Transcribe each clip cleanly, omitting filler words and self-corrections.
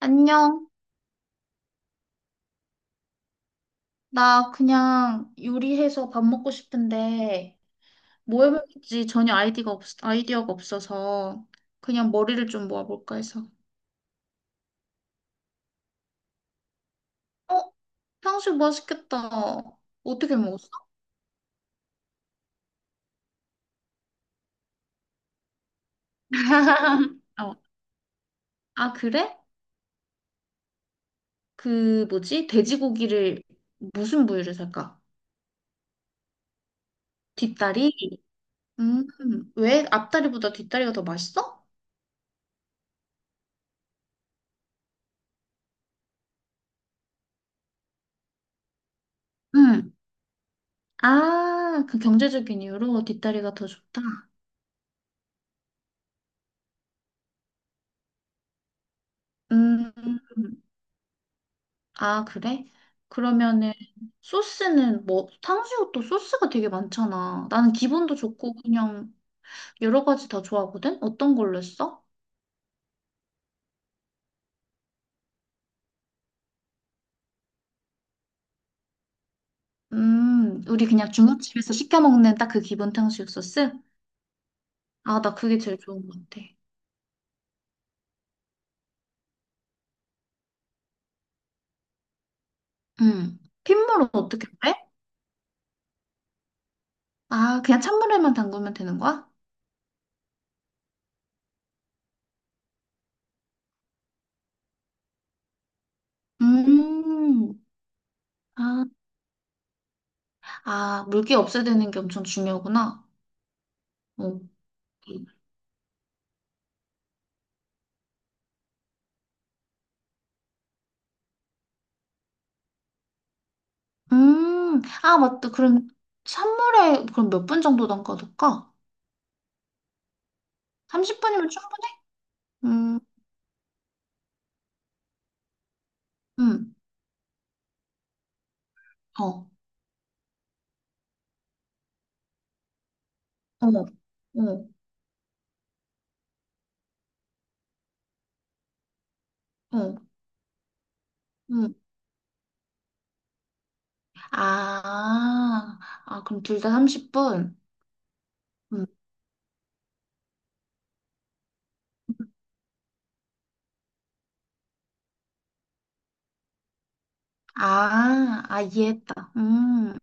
안녕. 나 그냥 요리해서 밥 먹고 싶은데 뭐 해볼지 전혀 아이디어가 없어서 그냥 머리를 좀 모아볼까 해서. 어? 탕수육 맛있겠다. 어떻게 먹었어? 어. 아, 그래? 그 뭐지? 돼지고기를 무슨 부위를 살까? 뒷다리? 음, 왜 앞다리보다 뒷다리가 더 맛있어? 음. 아, 그 경제적인 이유로 뒷다리가 더 좋다. 음. 아, 그래? 그러면은 소스는 뭐 탕수육도 소스가 되게 많잖아. 나는 기본도 좋고 그냥 여러 가지 다 좋아하거든. 어떤 걸로 했어? 우리 그냥 중국집에서 시켜 먹는 딱 그 기본 탕수육 소스? 아, 나 그게 제일 좋은 것 같아. 음. 핏물은 어떻게 빼? 아, 그냥 찬물에만 담그면 되는 거야? 음. 아, 아, 물기 없애야 되는 게 엄청 중요하구나. 어. 아, 맞다. 그럼 선물에 그럼 몇 분 정도 담가둘까? 30분이면 충분해? 음, 음, 어, 어, 어, 어, 음. 아, 아, 그럼 둘 다 30분? 음. 아, 아, 이해했다.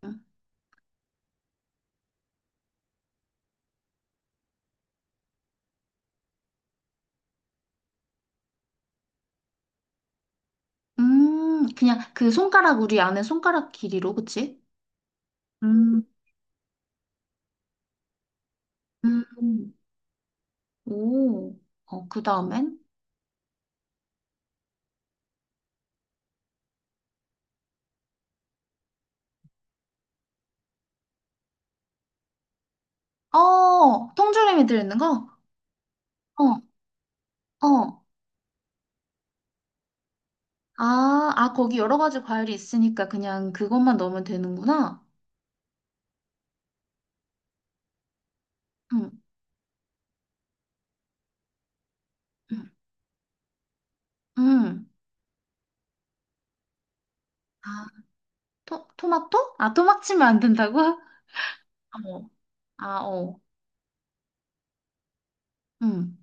그냥 그 손가락, 우리 안에 손가락 길이로, 그치? 음, 음, 오, 어, 그 다음엔? 어, 통조림이 들어있는 거? 어, 어, 아, 아, 거기 여러 가지 과일이 있으니까 그냥 그것만 넣으면 되는구나. 응, 응, 응. 아, 토마토? 아, 토막 치면 안 된다고? 어. 아, 어. 응,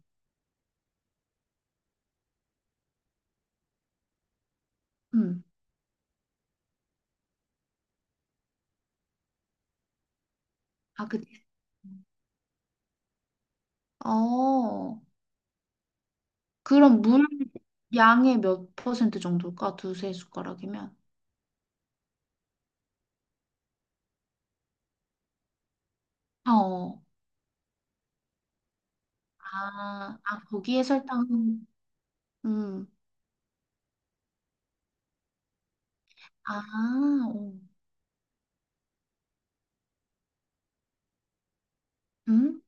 응. 아, 그치. 어. 그럼 물 양의 몇 퍼센트 정도일까? 두세 숟가락이면. 어. 아, 아, 거기에 설탕. 음. 아, 어. 음?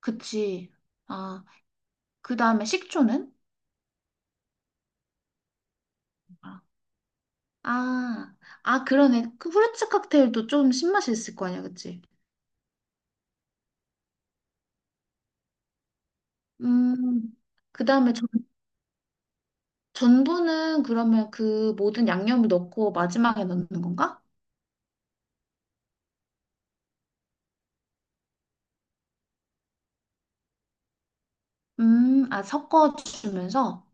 그치. 아, 그 다음에 식초는? 아, 아, 그러네. 그 후르츠 칵테일도 좀 신맛이 있을 거 아니야, 그치? 음, 그 다음에 전분은 그러면 그 모든 양념을 넣고 마지막에 넣는 건가? 아, 섞어주면서?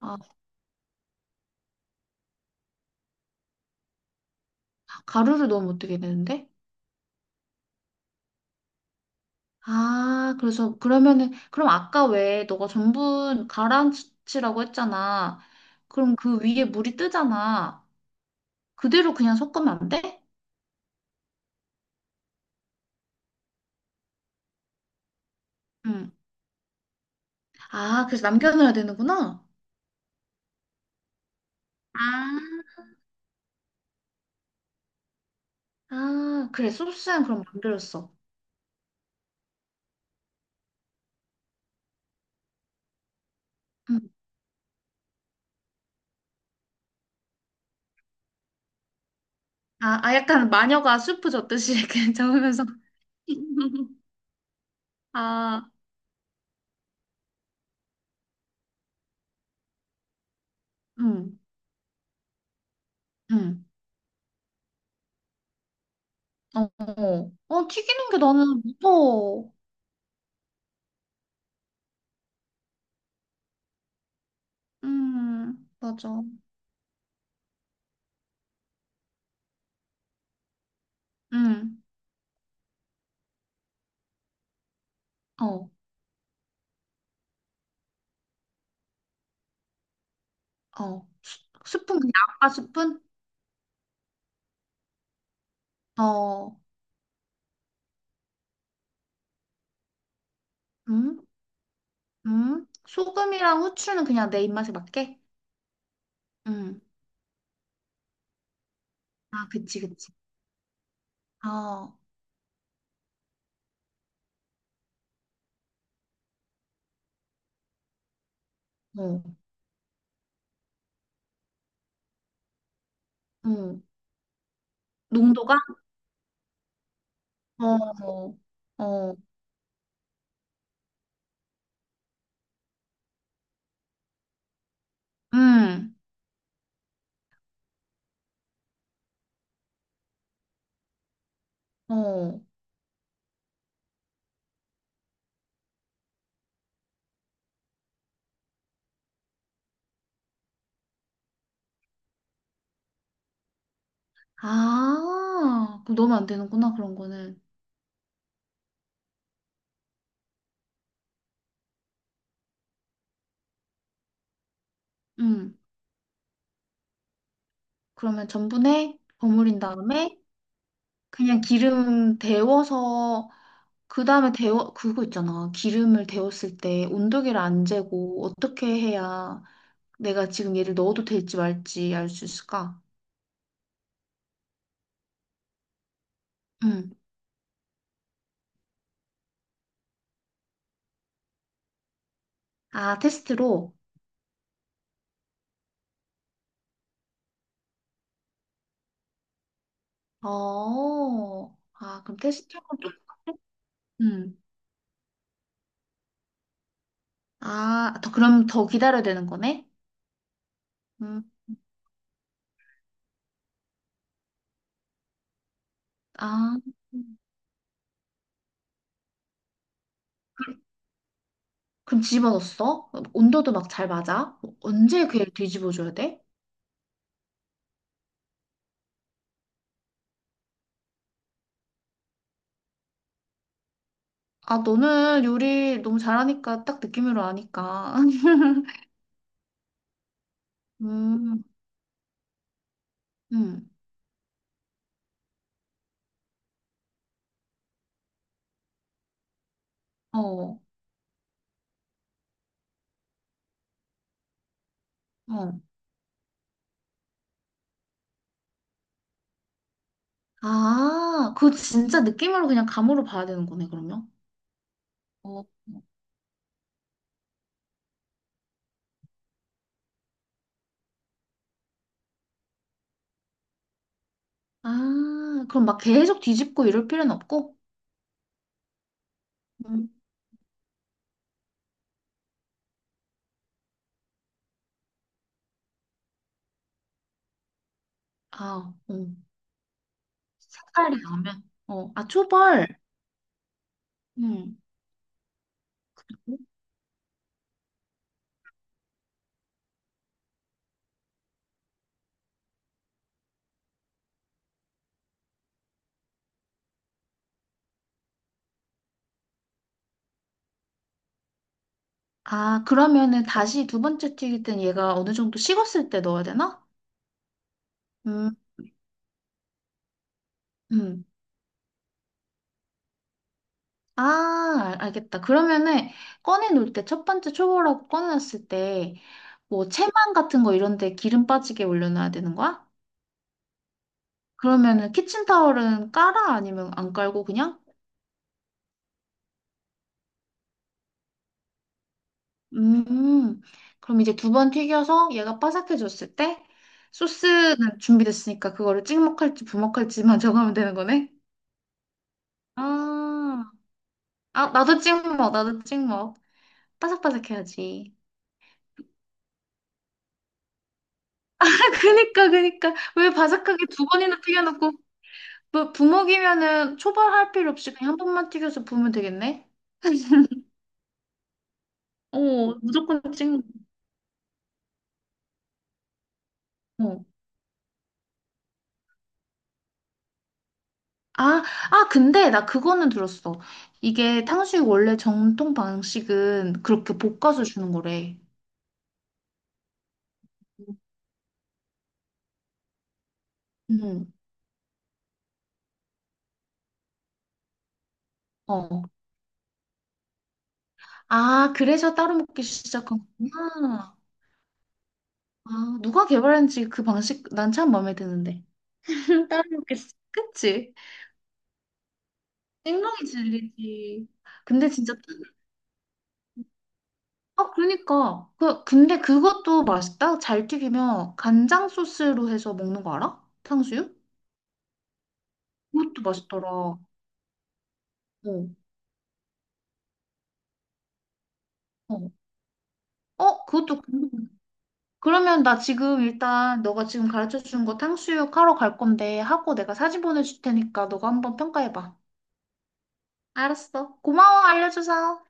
아, 가루를 넣으면 어떻게 되는데? 아, 그래서 그러면은, 그럼 아까 왜 너가 전분 가라앉히라고 했잖아. 그럼 그 위에 물이 뜨잖아. 그대로 그냥 섞으면 안 돼? 음. 아, 그래서 남겨놔야 되는구나. 아 아, 그래. 소스는 그럼 만들었어. 응. 아, 아, 약간 마녀가 수프 젓듯이 이렇게 잡으면서. 아, 응 응. 어, 어, 어, 튀기는 게 나는 무서워. 맞아. 응 어, 어. 수- 스푼, 그냥 아빠 스푼? 어, 음, 소금이랑 후추는 그냥 내 입맛에 맞게? 음. 아, 그치, 그치. 아, 어, 어. 농도가? 어, 어, 어. 음. 어. 아, 그럼 넣으면 안 되는구나, 그런 거는. 음. 그러면 전분에 버무린 다음에 그냥 기름 데워서 그 다음에 데워 그거 있잖아. 기름을 데웠을 때 온도계를 안 재고 어떻게 해야 내가 지금 얘를 넣어도 될지 말지 알 수 있을까? 음. 아, 테스트로. 어. 아, 그럼 테스트로 좀 음. 아, 더 그럼 더 기다려야 되는 거네? 음. 아. 그럼 집어넣었어? 온도도 막 잘 맞아? 언제 그 애를 뒤집어줘야 돼? 아, 너는 요리 너무 잘하니까 딱 느낌으로 아니까. 음, 음, 어, 어. 아, 그거 진짜 느낌으로 그냥 감으로 봐야 되는 거네, 그러면. 어. 아, 그럼 막 계속 뒤집고 이럴 필요는 없고? 음. 아, 색깔이 나오면. 어, 아, 초벌. 음. 아, 그러면은 다시 두 번째 튀길 땐 얘가 어느 정도 식었을 때 넣어야 되나? 음. 음. 아, 알겠다. 그러면은 꺼내놓을 때 첫 번째 초보라고 꺼내놨을 때 뭐 체만 같은 거 이런 데 기름 빠지게 올려놔야 되는 거야? 그러면은 키친타월은 깔아? 아니면 안 깔고 그냥? 음. 그럼 이제 두 번 튀겨서 얘가 바삭해졌을 때 소스는 준비됐으니까 그거를 찍먹할지 부먹할지만 정하면 되는 거네? 아, 아, 나도 찍먹, 나도 찍먹. 바삭바삭해야지. 그니까, 그니까. 왜 바삭하게 두 번이나 튀겨놓고 뭐 부먹이면은 초벌할 필요 없이 그냥 한 번만 튀겨서 부으면 되겠네? 어, 무조건 찍는 거. 어. 아, 아, 근데 나 그거는 들었어. 이게 탕수육 원래 정통 방식은 그렇게 볶아서 주는 거래. 응 어. 아, 그래서 따로 먹기 시작한 거구나. 아, 누가 개발했는지 그 방식 난 참 마음에 드는데. 따로 먹기 시작. 그치? 생동이 질리지. 근데 진짜 아, 그러니까. 그, 근데 그것도 맛있다. 잘 튀기면 간장 소스로 해서 먹는 거 알아? 탕수육? 그것도 맛있더라. 어, 어. 어, 그것도. 궁금해. 그러면 나 지금 일단 너가 지금 가르쳐 준 거 탕수육 하러 갈 건데 하고 내가 사진 보내줄 테니까 너가 한번 평가해봐. 알았어. 고마워, 알려줘서.